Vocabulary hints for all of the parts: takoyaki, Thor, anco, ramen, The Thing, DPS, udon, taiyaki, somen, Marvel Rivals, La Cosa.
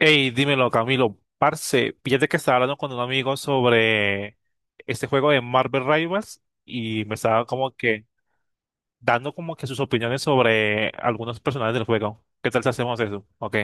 Hey, dímelo, Camilo. Parce, fíjate que estaba hablando con un amigo sobre este juego de Marvel Rivals y me estaba como que dando como que sus opiniones sobre algunos personajes del juego. ¿Qué tal si hacemos eso? Ok.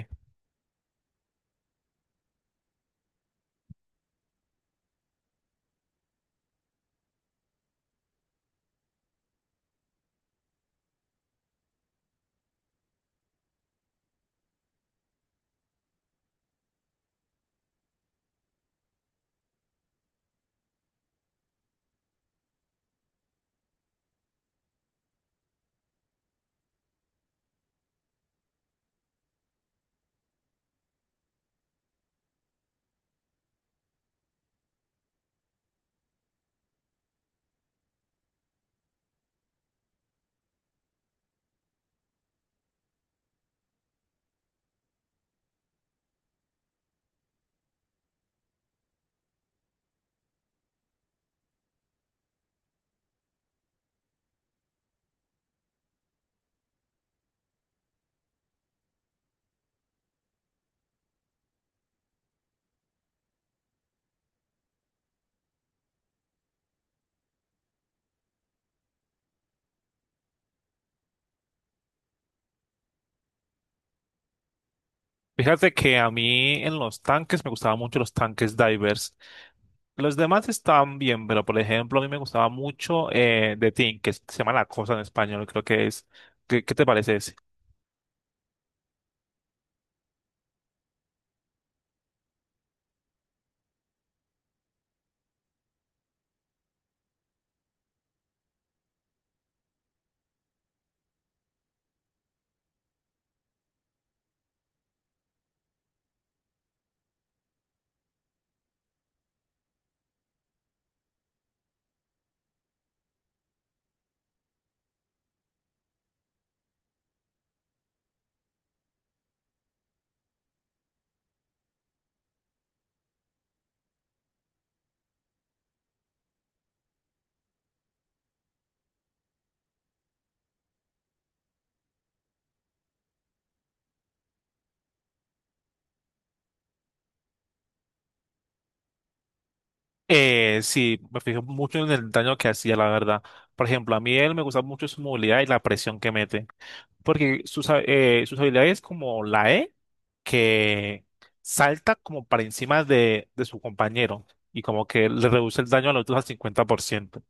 Fíjate que a mí en los tanques me gustaban mucho los tanques divers. Los demás están bien, pero por ejemplo a mí me gustaba mucho The Thing, que se llama La Cosa en español, creo que es. ¿Qué te parece ese? Sí, me fijo mucho en el daño que hacía, la verdad. Por ejemplo, a mí él me gusta mucho su movilidad y la presión que mete. Porque sus, sus habilidades como la E, que salta como para encima de su compañero y como que le reduce el daño a los otros al 50%.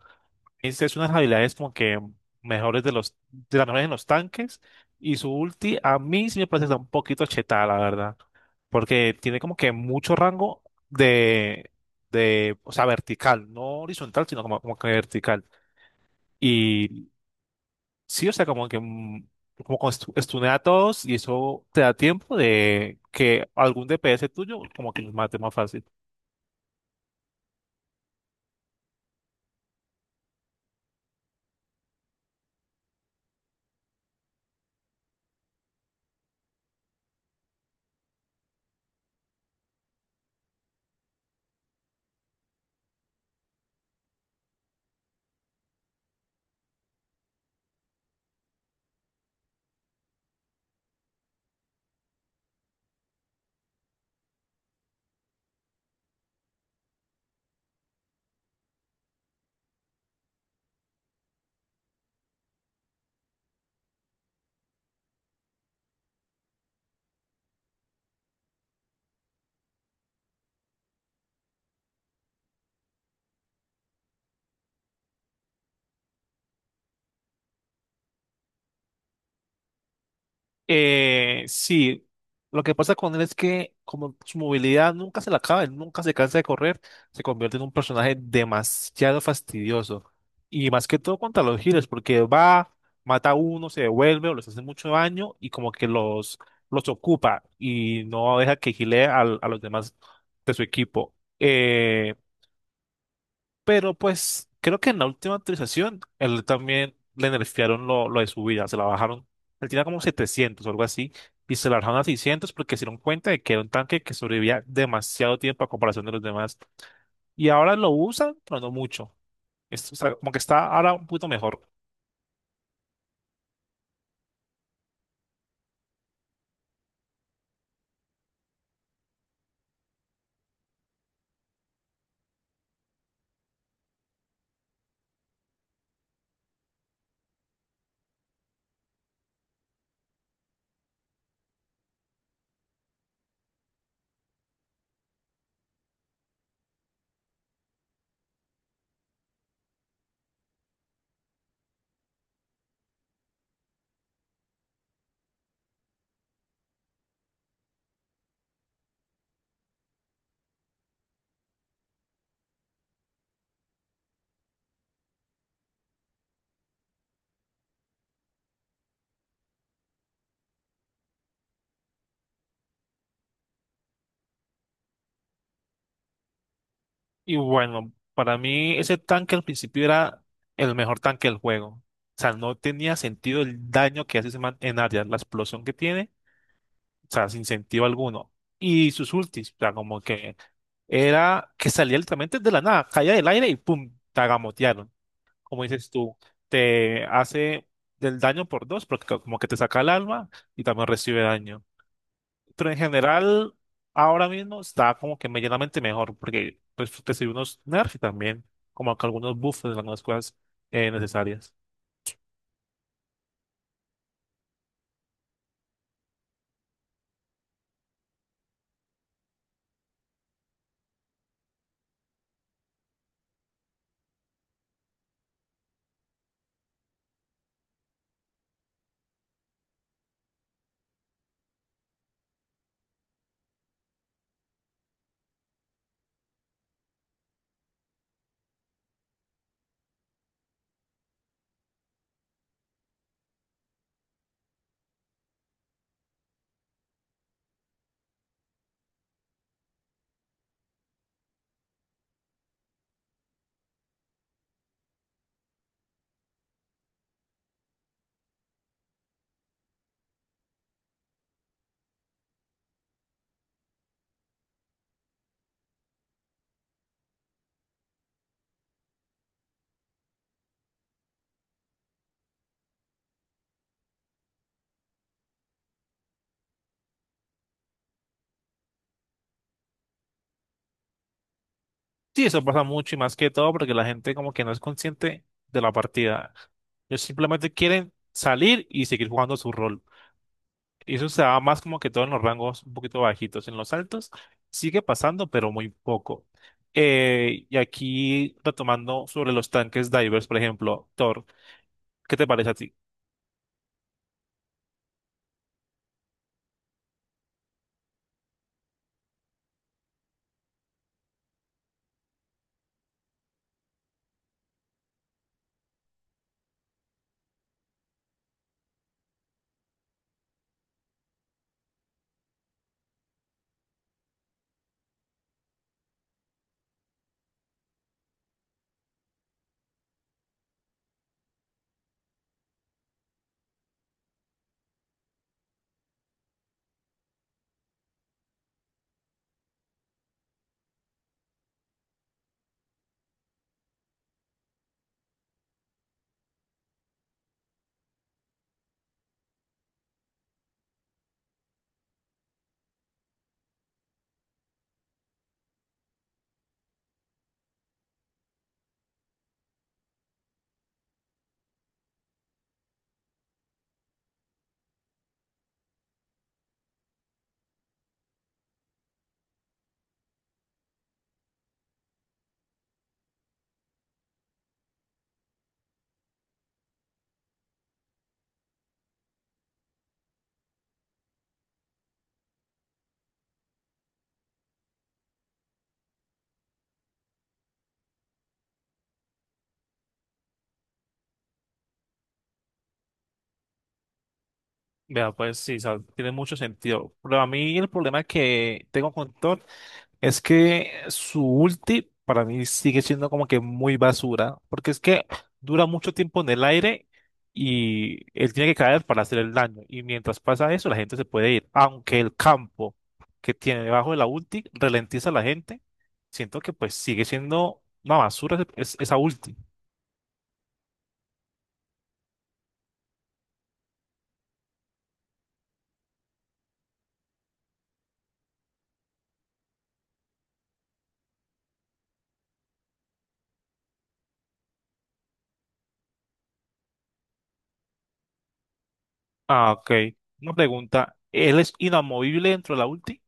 Esa es una de las habilidades como que mejores de de las mejores en los tanques. Y su ulti a mí sí me parece que está un poquito chetada, la verdad, porque tiene como que mucho rango de, de, o sea, vertical, no horizontal, sino como, como que vertical. Y sí, o sea, como con estunea a todos y eso te da tiempo de que algún DPS tuyo como que los mate más fácil. Sí, lo que pasa con él es que como su movilidad nunca se la acaba, él nunca se cansa de correr, se convierte en un personaje demasiado fastidioso. Y más que todo contra los healers, porque va, mata a uno, se devuelve o les hace mucho daño y como que los ocupa y no deja que healee a los demás de su equipo. Eh, pero pues creo que en la última actualización él también le nerfearon lo de su vida, se la bajaron. Él tenía como 700 o algo así y se la bajaron a 600 porque se dieron cuenta de que era un tanque que sobrevivía demasiado tiempo a comparación de los demás. Y ahora lo usan, pero no mucho. O sea, como que está ahora un poquito mejor. Y bueno, para mí ese tanque al principio era el mejor tanque del juego. O sea, no tenía sentido el daño que hace ese man en área, la explosión que tiene, o sea, sin sentido alguno. Y sus ultis, o sea, como que era que salía literalmente de la nada, caía del aire y pum, te agamotearon. Como dices tú, te hace del daño por dos, porque como que te saca el alma y también recibe daño. Pero en general, ahora mismo está como que medianamente mejor, porque pues recibe unos nerfs y también como que algunos buffs de algunas cosas necesarias. Sí, eso pasa mucho y más que todo porque la gente como que no es consciente de la partida. Ellos simplemente quieren salir y seguir jugando su rol. Y eso se da más como que todo en los rangos un poquito bajitos. En los altos sigue pasando, pero muy poco. Y aquí retomando sobre los tanques divers, por ejemplo, Thor, ¿qué te parece a ti? Vea, pues sí, o sea, tiene mucho sentido. Pero a mí el problema que tengo con Thor es que su ulti para mí sigue siendo como que muy basura, porque es que dura mucho tiempo en el aire y él tiene que caer para hacer el daño. Y mientras pasa eso, la gente se puede ir. Aunque el campo que tiene debajo de la ulti ralentiza a la gente, siento que pues sigue siendo una basura esa ulti. Ah, ok. Una pregunta, ¿él es inamovible dentro de la ulti?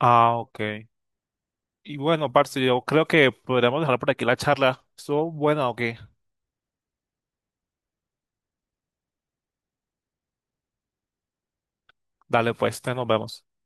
Ah, ok. Y bueno, parce, yo creo que podríamos dejar por aquí la charla. ¿Estuvo buena o qué? Dale, pues, te nos vemos.